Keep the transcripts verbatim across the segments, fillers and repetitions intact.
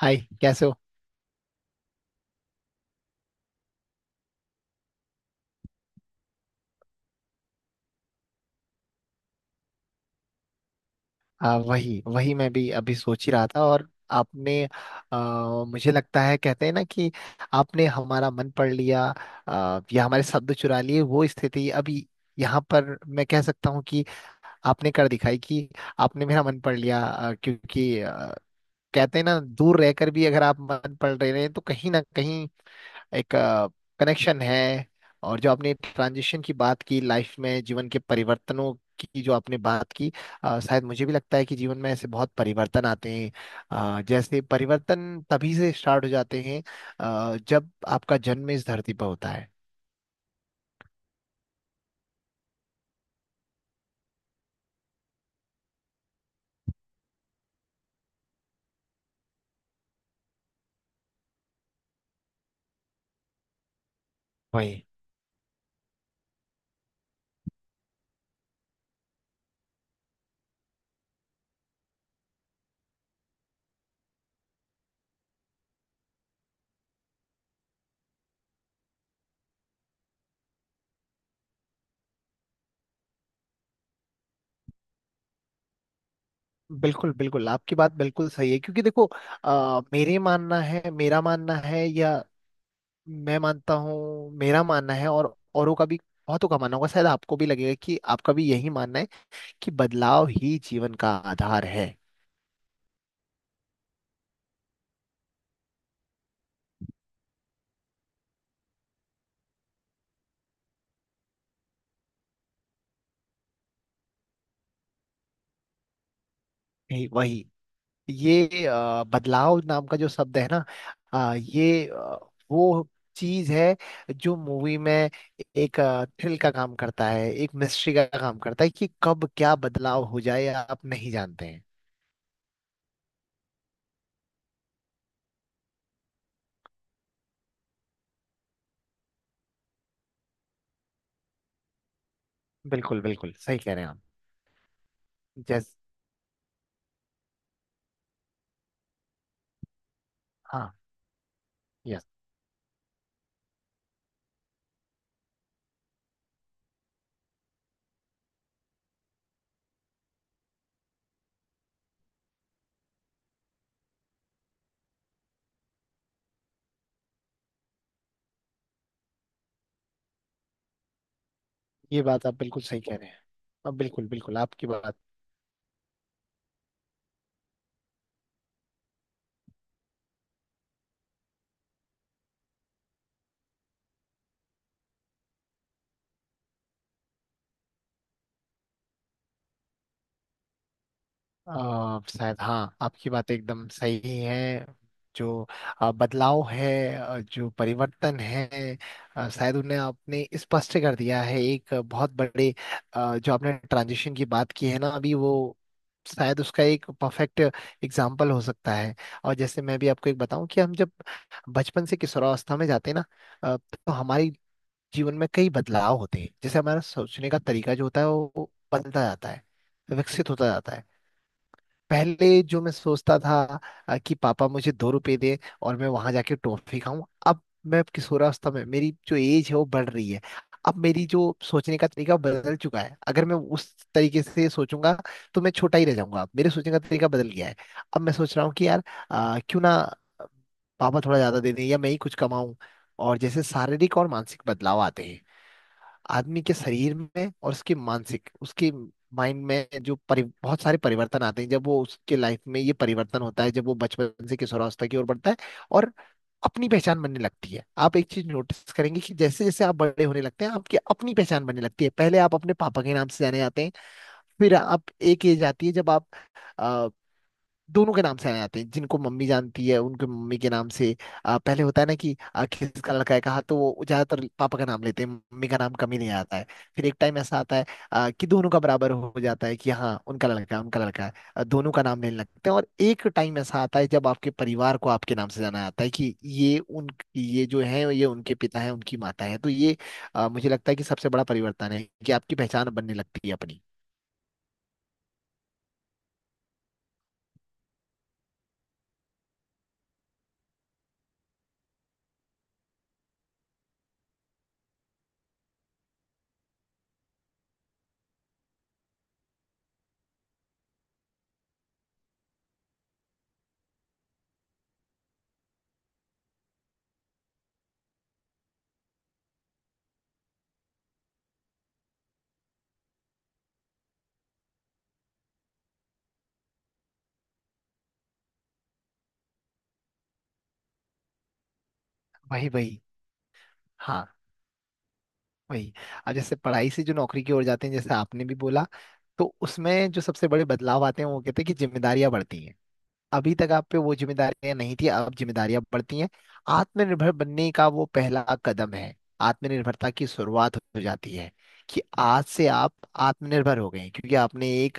हाय। कैसे हो। आ, वही वही, मैं भी अभी सोच ही रहा था। और आपने, आ, मुझे लगता है, कहते हैं ना कि आपने हमारा मन पढ़ लिया, आ, या हमारे शब्द चुरा लिए। वो स्थिति अभी यहाँ पर मैं कह सकता हूँ कि आपने कर दिखाई, कि आपने मेरा मन पढ़ लिया, आ, क्योंकि आ, कहते हैं ना, दूर रहकर भी अगर आप मन पढ़ रहे हैं तो कहीं ना कहीं एक कनेक्शन है। और जो आपने ट्रांजिशन की बात की, लाइफ में, जीवन के परिवर्तनों की जो आपने बात की, अ, शायद मुझे भी लगता है कि जीवन में ऐसे बहुत परिवर्तन आते हैं। अ, जैसे परिवर्तन तभी से स्टार्ट हो जाते हैं, अ, जब आपका जन्म इस धरती पर होता है। वही। बिल्कुल बिल्कुल, आपकी बात बिल्कुल सही है, क्योंकि देखो, आ, मेरे मानना है मेरा मानना है, या मैं मानता हूँ मेरा मानना है, और औरों का भी, बहुतों का मानना होगा। शायद आपको भी लगेगा कि आपका भी यही मानना है, कि बदलाव ही जीवन का आधार है। यही- वही। ये अ, बदलाव नाम का जो शब्द है ना, अ, ये अ, वो चीज है जो मूवी में एक थ्रिल का काम करता है, एक मिस्ट्री का काम करता है, कि कब क्या बदलाव हो जाए आप नहीं जानते हैं। बिल्कुल बिल्कुल सही कह रहे हैं आप। जैस हाँ। यस। ये बात आप बिल्कुल सही कह रहे हैं। अब बिल्कुल बिल्कुल आपकी बात, अ, शायद हाँ आपकी बात एकदम सही है। जो अ, बदलाव है, अ, जो परिवर्तन है, अ, शायद उन्हें आपने स्पष्ट कर दिया है, एक बहुत बड़े, अ, जो आपने ट्रांजिशन की बात की है ना अभी, वो शायद उसका एक परफेक्ट एग्जाम्पल हो सकता है। और जैसे मैं भी आपको एक बताऊं, कि हम जब बचपन से किशोरावस्था में जाते हैं ना, अ, तो हमारे जीवन में कई बदलाव होते हैं, जैसे हमारा सोचने का तरीका जो होता है वो वो बदलता जाता है, विकसित होता जाता है। पहले जो मैं सोचता था, अ, कि पापा मुझे दो रुपए दें और मैं वहां जाके टॉफी खाऊं। अब मैं किशोरावस्था में, मेरी जो एज है वो बढ़ रही है, अब मेरी जो सोचने का तरीका बदल चुका है। अगर मैं उस तरीके से सोचूंगा तो मैं छोटा ही रह जाऊंगा। मेरे सोचने का तरीका बदल गया है। अब मैं सोच रहा हूँ कि यार, अ, क्यों ना पापा थोड़ा ज्यादा दे दें, या मैं ही कुछ कमाऊं। और जैसे शारीरिक और मानसिक बदलाव आते हैं आदमी के शरीर में, और उसके मानसिक, उसके माइंड में जो परि, बहुत सारे परिवर्तन आते हैं, जब वो उसके लाइफ में, ये परिवर्तन होता है जब वो बचपन से किशोरावस्था की ओर बढ़ता है। और अपनी पहचान बनने लगती है। आप एक चीज नोटिस करेंगे, कि जैसे जैसे आप बड़े होने लगते हैं, आपकी अपनी पहचान बनने लगती है। पहले आप अपने पापा के नाम से जाने जाते हैं, फिर आप, एक एज आती है जब आप दोनों के नाम से आ जाते हैं, जिनको मम्मी जानती है उनके मम्मी के नाम से। आ, पहले होता है ना कि आ, किसका लड़का है, कहा तो वो ज्यादातर पापा का नाम लेते हैं, मम्मी का नाम कम ही नहीं आता है। फिर एक टाइम ऐसा आता है, आ, कि दोनों का बराबर हो जाता है, कि हाँ उनका लड़का है, उनका लड़का है, आ, दोनों का नाम लेने लगते हैं। और एक टाइम ऐसा आता है जब आपके परिवार को आपके नाम से जाना जाता है, कि ये उन, ये जो है ये उनके पिता है, उनकी माता है। तो ये, आ, मुझे लगता है कि सबसे बड़ा परिवर्तन है, कि आपकी पहचान बनने लगती है अपनी। वही वही। हाँ। वही। अब जैसे पढ़ाई से जो नौकरी की ओर जाते हैं, जैसे आपने भी बोला, तो उसमें जो सबसे बड़े बदलाव आते हैं वो कहते हैं, कि जिम्मेदारियां बढ़ती हैं। अभी तक आप पे वो जिम्मेदारियां नहीं थी, अब जिम्मेदारियां बढ़ती हैं। आत्मनिर्भर बनने का वो पहला कदम है, आत्मनिर्भरता की शुरुआत हो जाती है, कि आज से आप आत्मनिर्भर हो गए हैं, क्योंकि आपने एक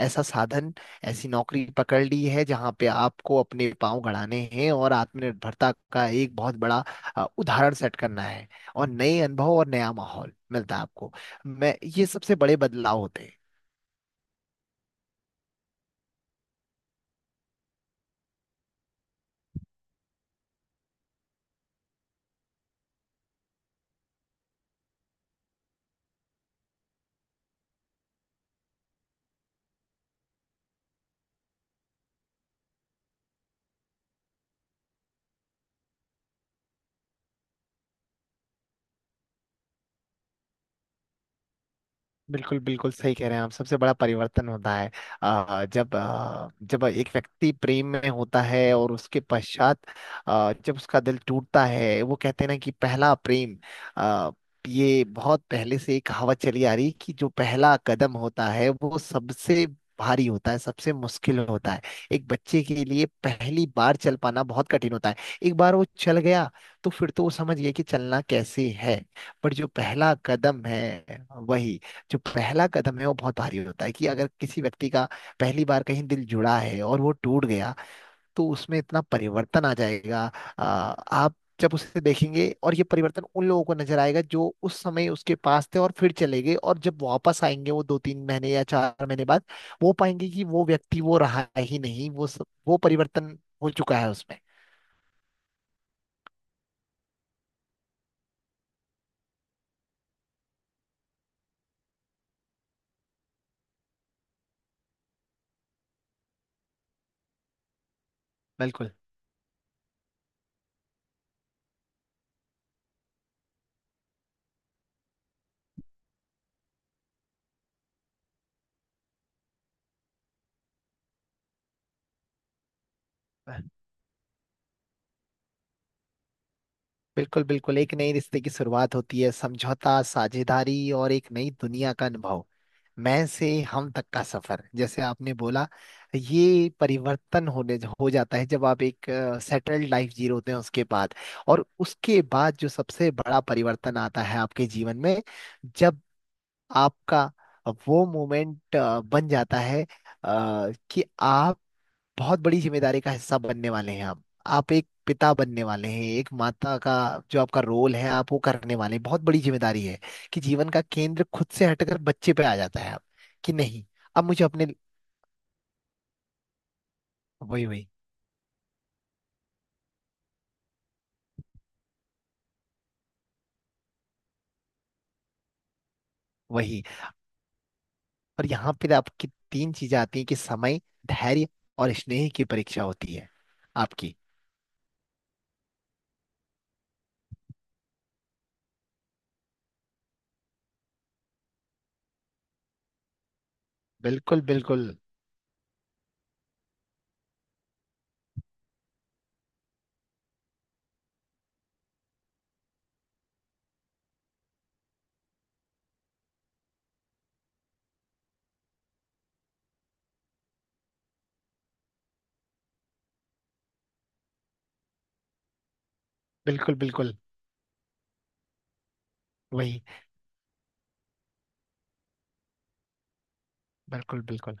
ऐसा साधन, ऐसी नौकरी पकड़ ली है जहां पे आपको अपने पाँव गड़ाने हैं, और आत्मनिर्भरता का एक बहुत बड़ा, अ, उदाहरण सेट करना है। और नए अनुभव और नया माहौल मिलता है आपको। मैं, ये सबसे बड़े बदलाव होते हैं। बिल्कुल बिल्कुल सही कह रहे हैं आप। सबसे बड़ा परिवर्तन होता है अ, जब अ, जब एक व्यक्ति प्रेम में होता है, और उसके पश्चात अ, जब उसका दिल टूटता है। वो कहते हैं ना कि पहला प्रेम। अ, ये बहुत पहले से एक कहावत चली आ रही है, कि जो पहला कदम होता है वो सबसे भारी होता है, सबसे मुश्किल होता है। एक बच्चे के लिए पहली बार चल पाना बहुत कठिन होता है, एक बार वो चल गया तो फिर तो वो समझ गया कि चलना कैसे है। पर जो पहला कदम है वही, जो पहला कदम है वो बहुत भारी होता है। कि अगर किसी व्यक्ति का पहली बार कहीं दिल जुड़ा है और वो टूट गया, तो उसमें इतना परिवर्तन आ जाएगा, आ, आप जब उसे देखेंगे, और ये परिवर्तन उन लोगों को नजर आएगा जो उस समय उसके पास थे और फिर चले गए, और जब वापस आएंगे वो दो तीन महीने या चार महीने बाद, वो पाएंगे कि वो व्यक्ति वो रहा ही नहीं, वो सब, वो परिवर्तन हो चुका है उसमें। बिल्कुल बिल्कुल। बिल्कुल एक नए रिश्ते की शुरुआत होती है, समझौता, साझेदारी और एक नई दुनिया का अनुभव। मैं से हम तक का सफर, जैसे आपने बोला। ये परिवर्तन होने हो जाता है जब आप एक सेटल्ड लाइफ जी रहे होते हैं, उसके बाद। और उसके बाद जो सबसे बड़ा परिवर्तन आता है आपके जीवन में, जब आपका वो मोमेंट बन जाता है, अ, कि आप बहुत बड़ी जिम्मेदारी का हिस्सा बनने वाले हैं। आप आप एक पिता बनने वाले हैं, एक माता का जो आपका रोल है आप वो करने वाले हैं। बहुत बड़ी जिम्मेदारी है, कि जीवन का केंद्र खुद से हटकर बच्चे पे आ जाता है। आप कि नहीं। अब मुझे अपने, वही वही वही। और यहाँ पे आपकी तीन चीजें आती हैं, कि समय, धैर्य और स्नेह की परीक्षा होती है आपकी। बिल्कुल बिल्कुल। बिल्कुल बिल्कुल। वही। बिल्कुल बिल्कुल।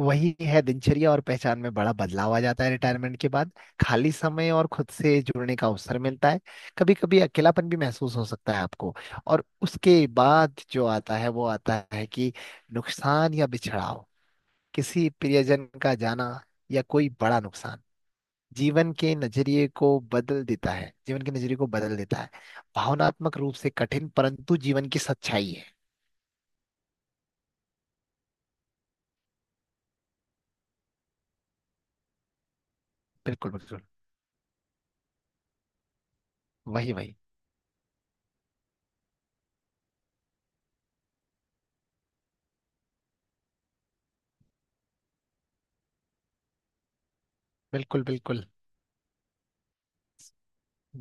वही है, दिनचर्या और पहचान में बड़ा बदलाव आ जाता है रिटायरमेंट के बाद। खाली समय और खुद से जुड़ने का अवसर मिलता है। कभी कभी अकेलापन भी महसूस हो सकता है आपको। और उसके बाद जो आता है वो आता है, कि नुकसान या बिछड़ाव, किसी प्रियजन का जाना, या कोई बड़ा नुकसान, जीवन के नजरिए को बदल देता है, जीवन के नजरिए को बदल देता है। भावनात्मक रूप से कठिन, परंतु जीवन की सच्चाई है। बिल्कुल बिल्कुल। वही वही। बिल्कुल बिल्कुल।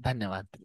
धन्यवाद।